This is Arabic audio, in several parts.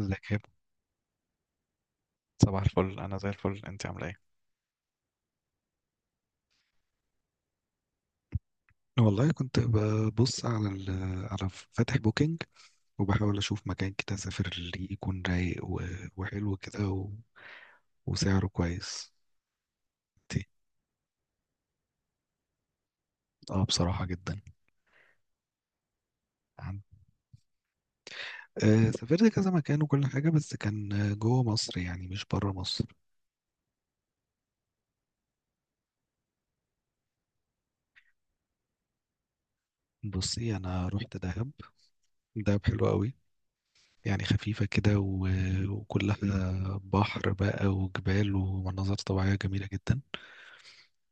ازيك يا هبة؟ صباح الفل، انا زي الفل، انت عامله ايه؟ والله كنت ببص على ال على فاتح بوكينج وبحاول اشوف مكان كده اسافر اللي يكون رايق وحلو كده وسعره كويس دي. اه بصراحة جدا. عن- سافرت كذا مكان وكل حاجة، بس كان جوه مصر يعني، مش بره مصر. بصي، انا رحت دهب. دهب حلو قوي، يعني خفيفة كده وكلها بحر بقى وجبال ومناظر طبيعية جميلة جدا.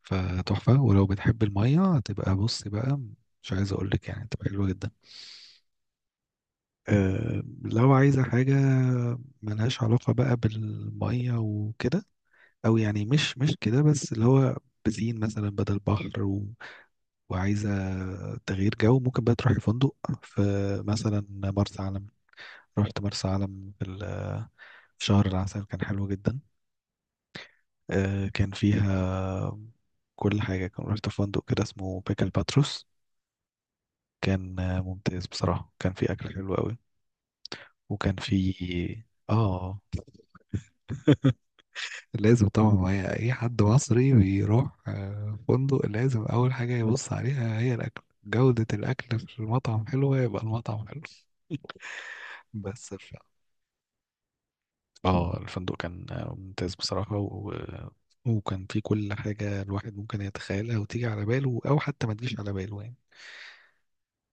فتحفة، ولو بتحب المية هتبقى، بص بقى، مش عايز أقولك، يعني هتبقى حلوة جدا. أه لو عايزة حاجة ملهاش علاقة بقى بالمية وكده، أو يعني مش كده، بس اللي هو بزين مثلا بدل بحر وعايزة تغيير جو، ممكن بقى تروحي فندق في مثلا مرسى علم. رحت مرسى علم في شهر العسل، كان حلو جدا. أه كان فيها كل حاجة. كان رحت فندق كده اسمه بيكل باتروس. كان ممتاز بصراحة. كان في أكل حلو قوي، وكان في آه لازم طبعا، ما هي اي حد مصري بيروح فندق لازم اول حاجة يبص عليها هي الاكل. جودة الاكل في المطعم حلوة، يبقى المطعم حلو. بس ف... آه الفندق كان ممتاز بصراحة وكان في كل حاجة الواحد ممكن يتخيلها وتيجي على باله، أو حتى ما تجيش على باله يعني.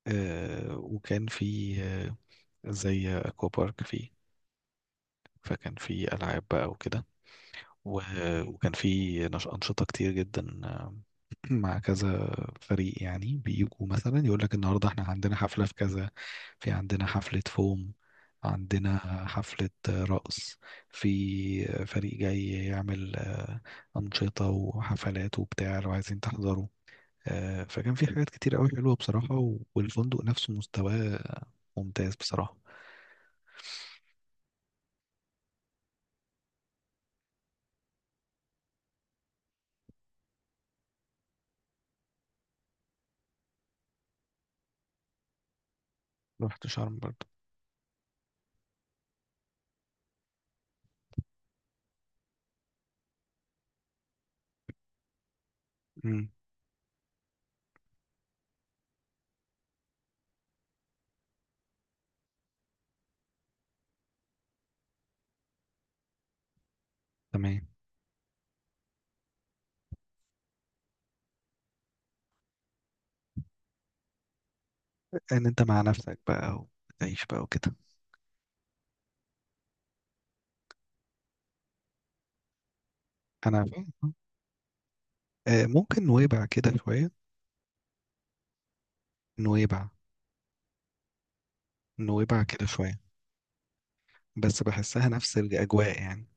وكان في زي أكوا بارك فيه، فكان في ألعاب بقى وكده، و- وكان في أنشطة كتير جدا، مع كذا فريق، يعني بيجوا مثلا يقول لك النهاردة احنا عندنا حفلة في كذا، في عندنا حفلة فوم، عندنا حفلة رقص، في فريق جاي يعمل أنشطة وحفلات وبتاع لو عايزين تحضروا. فكان في حاجات كتير قوي حلوة بصراحة، والفندق نفسه مستواه ممتاز بصراحة. رحت شرم برضه. مم. تمام. ان انت مع نفسك بقى، وتعيش بقى وكده. انا فاهم. ممكن نويبع كده شوية. نويبع. نويبع كده شوية، بس بحسها نفس الأجواء يعني.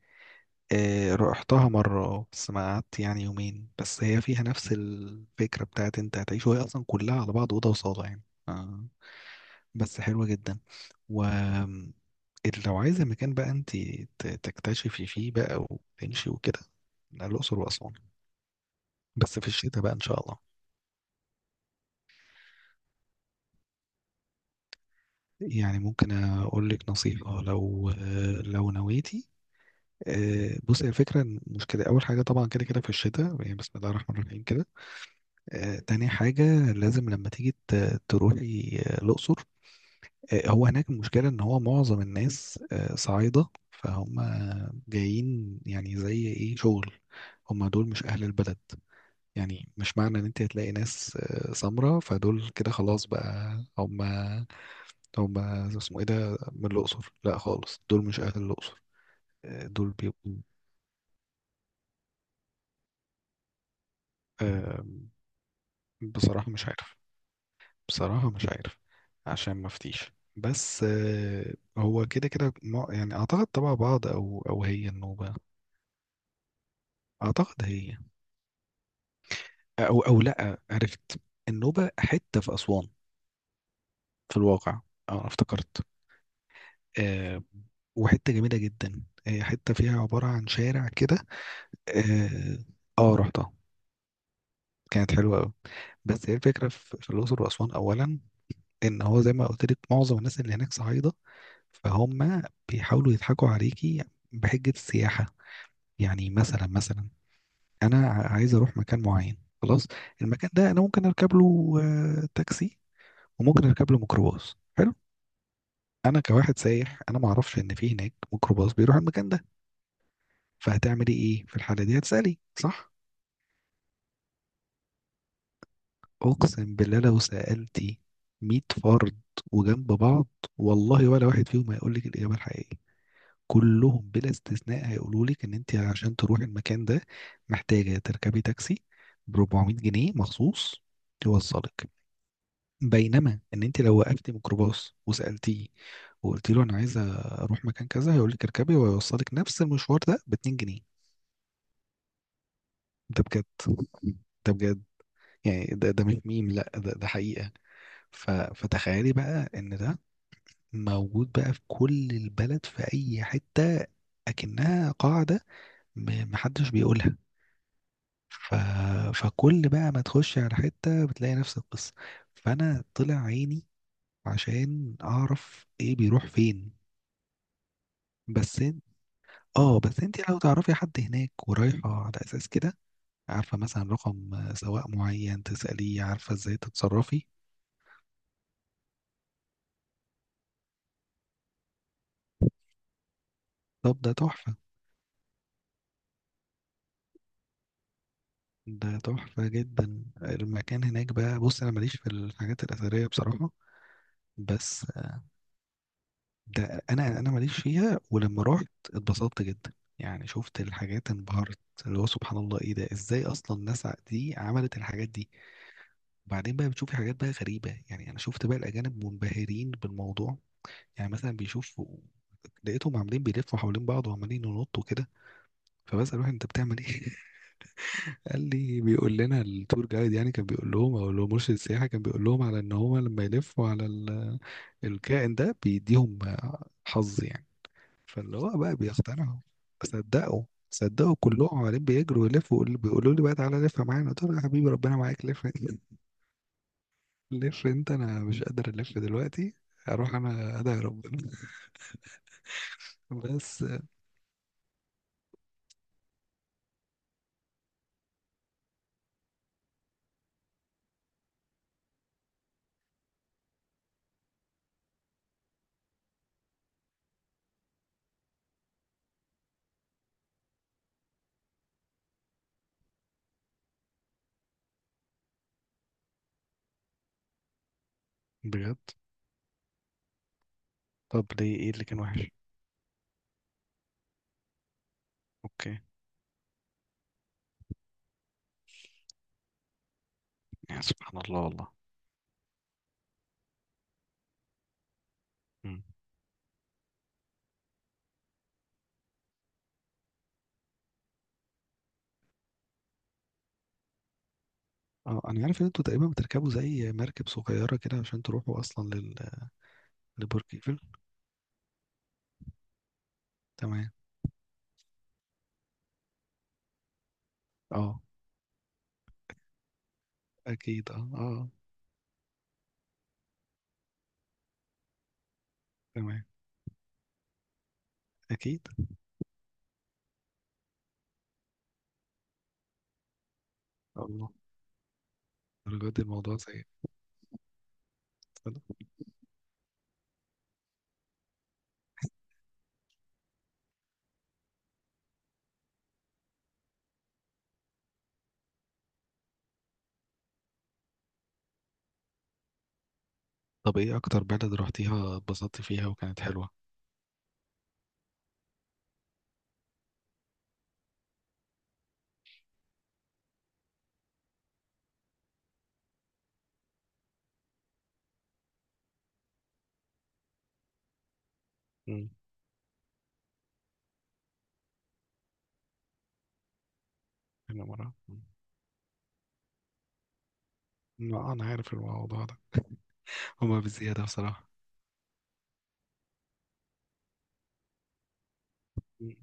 رحتها مرة، بس ما قعدت يعني يومين بس. هي فيها نفس الفكرة بتاعت انت هتعيش، وهي أصلا كلها على بعض أوضة وصالة يعني. آه، بس حلوة جدا. و آم، لو عايزة مكان بقى انت تكتشفي فيه بقى وتمشي وكده. لا، الأقصر وأسوان. بس في الشتاء بقى إن شاء الله. يعني ممكن أقول لك نصيحة لو لو نويتي، بص، هي الفكرة مش كده. أول حاجة طبعا كده كده في الشتاء، يعني بسم الله الرحمن الرحيم كده. تاني حاجة لازم لما تيجي تروحي الأقصر. هو هناك المشكلة إن هو معظم الناس صعايدة، فهم جايين يعني زي إيه، شغل. هم دول مش أهل البلد. يعني مش معنى إن أنت هتلاقي ناس سمرة فدول كده خلاص بقى هم اسمه إيه ده من الأقصر، لا خالص، دول مش أهل الأقصر. دول بيبقوا. بصراحة مش عارف. بصراحة مش عارف، عشان ما افتيش، بس هو كده كده يعني اعتقد تبع بعض، او او هي النوبة. اعتقد هي. او او لا عرفت، النوبة حتة في اسوان في الواقع. اه افتكرت. آه، وحتة جميلة جدا. هي حتة فيها عبارة عن شارع كده. اه، رحتها. كانت حلوة قوي. بس هي الفكرة في الأقصر وأسوان أولا، إن هو زي ما قلت لك معظم الناس اللي هناك صعيدة، فهم بيحاولوا يضحكوا عليكي بحجة السياحة. يعني مثلا أنا عايز أروح مكان معين، خلاص. المكان ده أنا ممكن أركب له تاكسي، وممكن أركب له ميكروباص حلو. أنا كواحد سايح أنا ما أعرفش إن في هناك ميكروباص بيروح المكان ده. فهتعملي إيه في الحالة دي؟ هتسألي صح؟ أقسم بالله لو سألتي 100 فرد وجنب بعض، والله ولا واحد فيهم هيقول لك الإجابة الحقيقية. كلهم بلا استثناء هيقولوا لك ان انت عشان تروحي المكان ده محتاجه تركبي تاكسي ب 400 جنيه مخصوص يوصلك. بينما ان انت لو وقفتي ميكروباص وسالتيه وقلت له انا عايزه اروح مكان كذا، هيقول لك اركبي، ويوصلك نفس المشوار ده ب 2 جنيه. ده بجد، ده بجد. يعني ده مش ميم، لا ده حقيقه. ف فتخيلي بقى ان ده موجود بقى في كل البلد في اي حته، اكنها قاعده، محدش بيقولها. ف... فكل بقى ما تخش على حتة بتلاقي نفس القصة. فأنا طلع عيني عشان أعرف إيه بيروح فين. بس إن- اه بس انت لو تعرفي حد هناك ورايحة على أساس كده، عارفة مثلا رقم سواق معين تسأليه، عارفة ازاي تتصرفي. طب ده تحفة. ده تحفة جدا المكان هناك بقى. بص، أنا ماليش في الحاجات الأثرية بصراحة، بس ده انا ماليش فيها، ولما رحت اتبسطت جدا. يعني شفت الحاجات انبهرت، اللي هو سبحان الله، ايه ده؟ ازاي اصلا الناس دي عملت الحاجات دي؟ وبعدين بقى بتشوفي حاجات بقى غريبة. يعني انا شفت بقى الاجانب منبهرين بالموضوع. يعني مثلا بيشوفوا، لقيتهم عاملين بيلفوا حوالين بعض وعمالين ينطوا كده. فبسأل واحد، انت بتعمل ايه؟ قال لي بيقول لنا التور جايد، يعني كان بيقول لهم، او اللي هو مرشد السياحه كان بيقول لهم على ان هو لما يلفوا على الكائن ده بيديهم حظ يعني. فاللي هو بقى بيقتنعوا، صدقوا. صدقوا كلهم، عمالين بيجروا يلفوا، بيقولوا لي بقى تعالى لف معانا، قلت له يا حبيبي ربنا معاك، لف. لف انت، انا مش قادر الف دلوقتي، اروح انا ادعي ربنا. بس بجد. طب ليه؟ ايه اللي كان وحش؟ اوكي. يعني سبحان الله والله. مم. اه انا عارف ان انتوا تقريبا بتركبوا زي مركب صغيره كده عشان تروحوا اصلا لبرج ايفل. تمام. اه اكيد اه اه. تمام، اكيد. الله. الدرجات دي الموضوع سيء. طب ايه اكتر بلد رحتيها اتبسطتي فيها وكانت حلوة؟ مم. انا مره، ما انا عارف الموضوع ده. هما بالزيادة بصراحة. مم.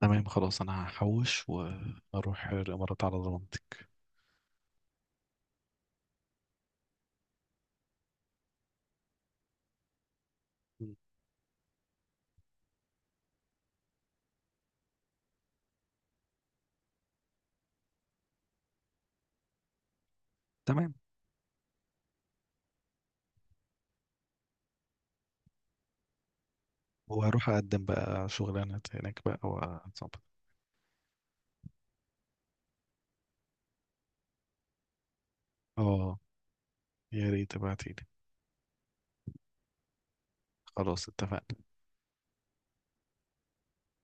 تمام، خلاص انا هحوش واروح الامارات على ضمانتك. مم. تمام. وهروح اقدم بقى شغلانة هناك بقى واظبط. اه، يا ريت تبعتيلي. خلاص اتفقنا.